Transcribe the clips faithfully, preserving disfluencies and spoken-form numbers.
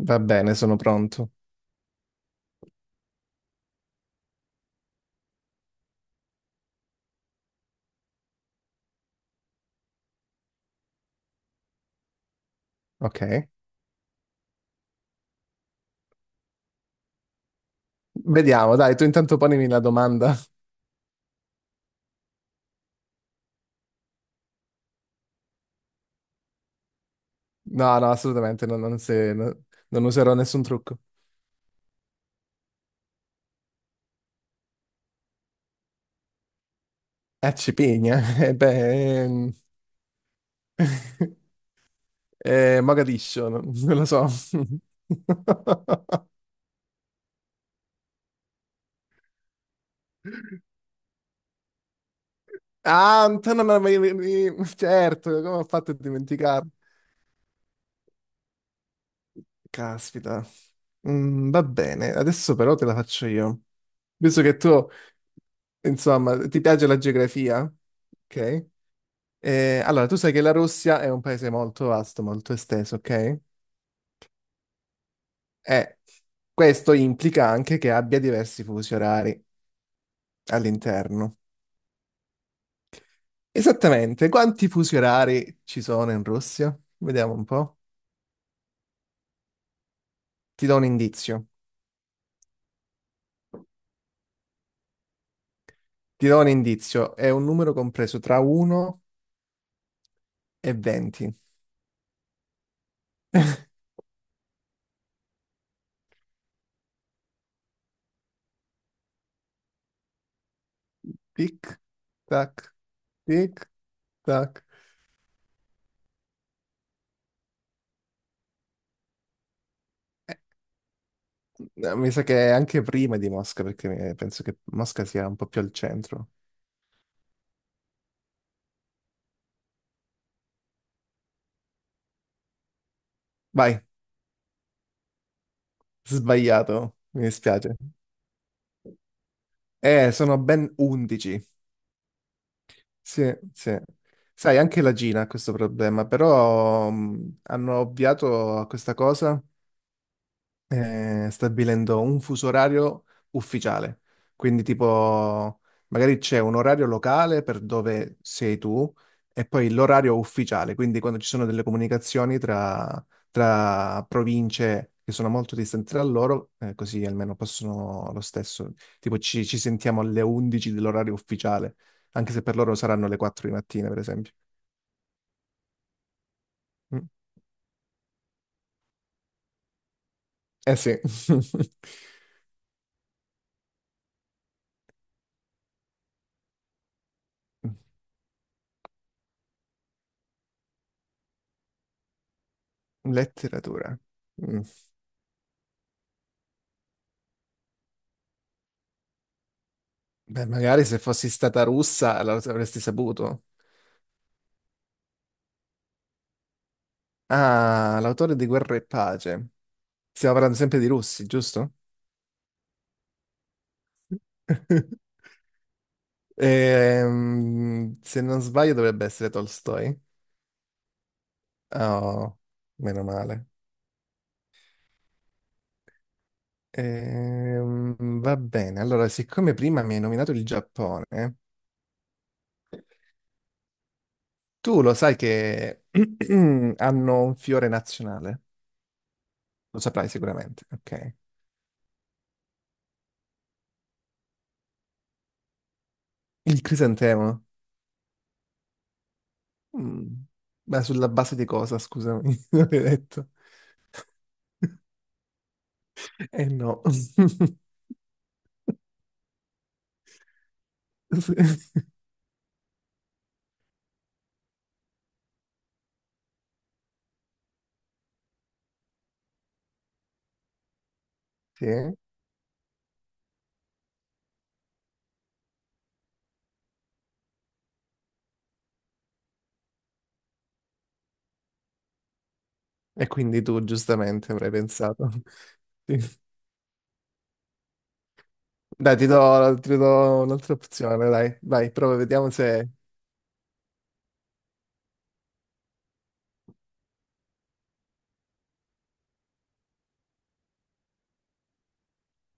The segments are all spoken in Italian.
Va bene, sono pronto. Ok. Vediamo, dai, tu intanto ponimi la domanda. No, no, assolutamente, non, non se- no- non userò nessun trucco. Eh, Cipigna, eh, beh, ehm, eh, Mogadiscio, non, non lo so. Ah, Antonio, ma- ma- ma- certo, come ho fatto a dimenticarlo? Caspita. Mm, va bene, adesso però te la faccio io. Visto che tu, insomma, ti piace la geografia, ok? Eh, allora, tu sai che la Russia è un paese molto vasto, molto esteso, ok? E questo implica anche che abbia diversi fusi orari all'interno. Esattamente, quanti fusi orari ci sono in Russia? Vediamo un po'. Ti do un indizio. Ti do un indizio. È un numero compreso tra uno e venti. Tic, tac, tic, tac. Eh, Mi sa che è anche prima di Mosca, perché eh, penso che Mosca sia un po' più al centro. Vai, sbagliato, mi dispiace. Eh, sono ben undici. Sì, sì. Sai, anche la Gina ha questo problema, però mh, hanno ovviato a questa cosa eh, stabilendo un fuso orario ufficiale. Quindi, tipo, magari c'è un orario locale per dove sei tu e poi l'orario ufficiale. Quindi, quando ci sono delle comunicazioni tra, tra province che sono molto distanti tra loro, eh, così almeno possono lo stesso. Tipo, ci, ci sentiamo alle undici dell'orario ufficiale, anche se per loro saranno le quattro di mattina, per esempio. Mm. Eh sì. Letteratura. Mm. Beh, magari se fossi stata russa la- avresti saputo. Ah, l'autore di Guerra e Pace. Stiamo parlando sempre di russi, giusto? Ehm, se non sbaglio dovrebbe essere Tolstoi. Oh, meno male. Ehm, Va bene, allora, siccome prima mi hai nominato il Giappone, tu lo sai che hanno un fiore nazionale? Lo saprai sicuramente, ok. Il crisantemo. Mm. Ma sulla base di cosa, scusami, non hai detto? Eh no. Sì. E quindi tu giustamente avrai pensato. Sì. Dai, ti do, ti do un'altra opzione, dai, vai, prova, vediamo se...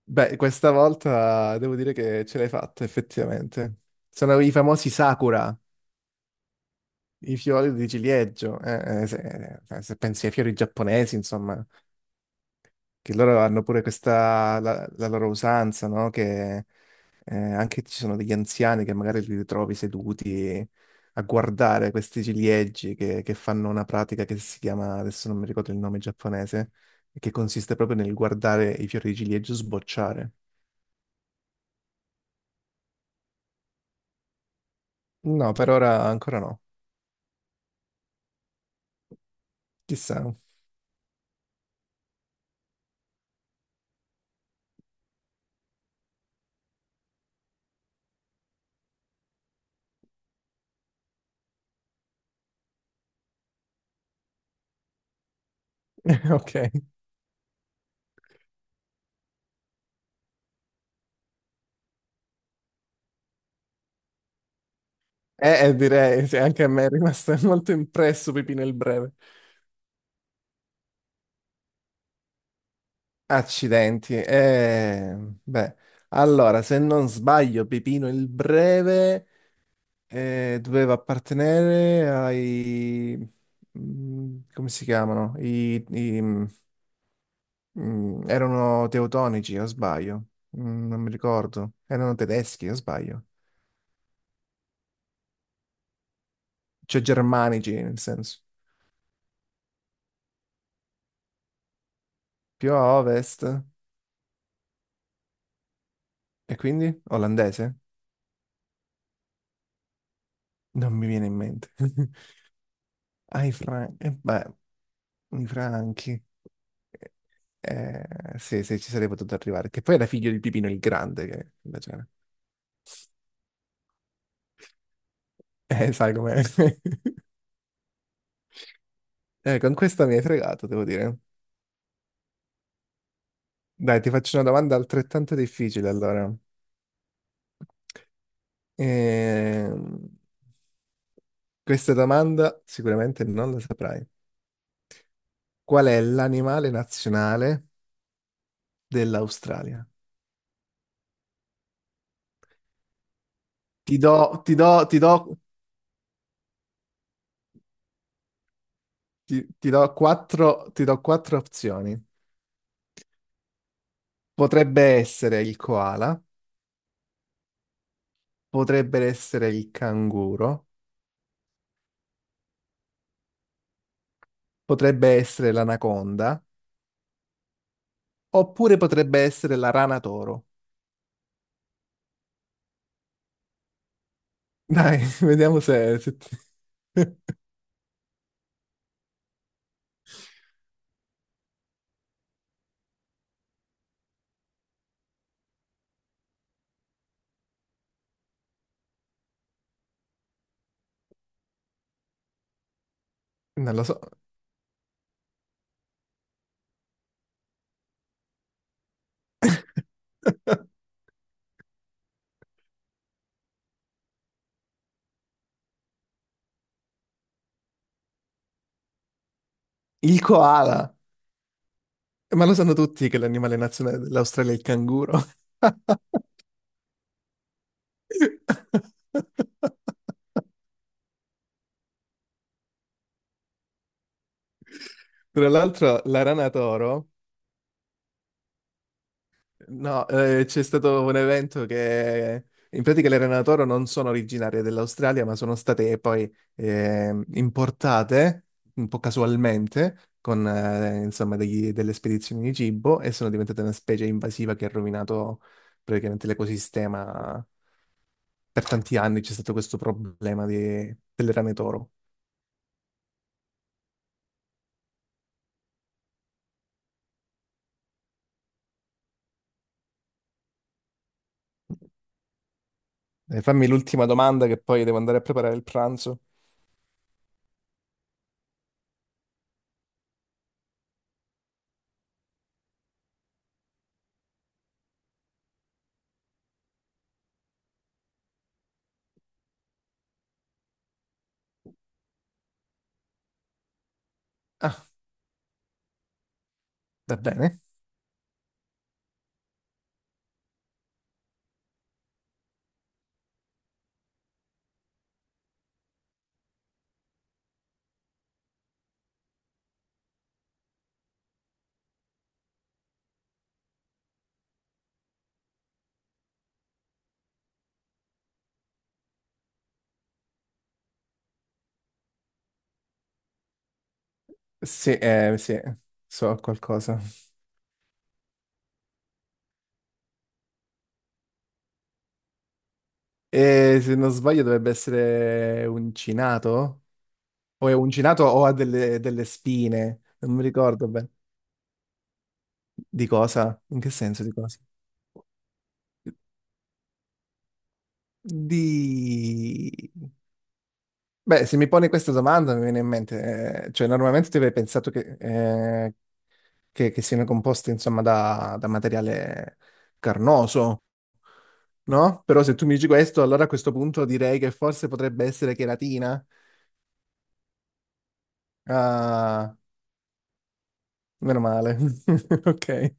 Beh, questa volta devo dire che ce l'hai fatta, effettivamente. Sono i famosi Sakura, i fiori di ciliegio. Eh, eh, se, eh, se pensi ai fiori giapponesi, insomma, che loro hanno pure questa, la, la loro usanza, no? Che eh, anche ci sono degli anziani che magari li ritrovi seduti a guardare questi ciliegi che, che fanno una pratica che si chiama, adesso non mi ricordo il nome giapponese, e che consiste proprio nel guardare i fiori di ciliegio sbocciare. No, per ora ancora no. Chissà. Ok. Eh, eh, direi, sì, anche a me è rimasto molto impresso Pipino il Breve. Accidenti. Eh, beh, allora, se non sbaglio, Pipino il Breve eh, doveva appartenere ai... Mm, come si chiamano? I, i- mm, erano teutonici, o sbaglio? Mm, non mi ricordo. Erano tedeschi, o sbaglio? Cioè germanici, nel senso. Più a ovest. E quindi? Olandese? Non mi viene in mente. Ai Franchi. Beh, i Franchi. Eh, sì, sì, ci sarei potuto arrivare. Che poi era figlio di Pipino il Grande, che invece... Eh, sai com'è. Eh, con questa mi hai fregato, devo dire. Dai, ti faccio una domanda altrettanto difficile, allora. Ehm, Questa domanda sicuramente non la saprai. Qual è l'animale nazionale dell'Australia? Ti do, ti do, ti do, ti, ti do quattro, ti do quattro opzioni. Potrebbe essere il koala, potrebbe essere il canguro, potrebbe essere l'anaconda, oppure potrebbe essere la rana toro. Dai, vediamo se... se ti- Non lo so. Il koala. Ma lo sanno tutti che l'animale nazionale dell'Australia è il canguro. Tra l'altro, la rana toro... No, eh, c'è stato un evento che in pratica le rane da toro non sono originarie dell'Australia, ma sono state poi eh, importate un po' casualmente con eh, insomma degli- delle spedizioni di cibo e sono diventate una specie invasiva che ha rovinato praticamente l'ecosistema. Per tanti anni c'è stato questo problema di- delle rane toro. Eh, fammi l'ultima domanda che poi devo andare a preparare il pranzo. Ah, va bene. Sì, eh, sì, so qualcosa. E se non sbaglio dovrebbe essere uncinato? O è uncinato o ha delle, delle spine? Non mi ricordo bene. Di cosa? In che senso di cosa? Di... Beh, se mi pone questa domanda mi viene in mente, eh, cioè normalmente ti avrei pensato che, eh, che, che siano composte insomma da, da materiale carnoso, no? Però se tu mi dici questo, allora a questo punto direi che forse potrebbe essere cheratina. Ah, meno male. Ok.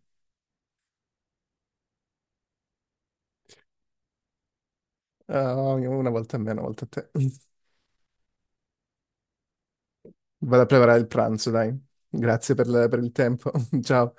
Ah, una volta a me, una volta a te. Vado a preparare il pranzo, dai. Grazie per, la- per il tempo. Ciao.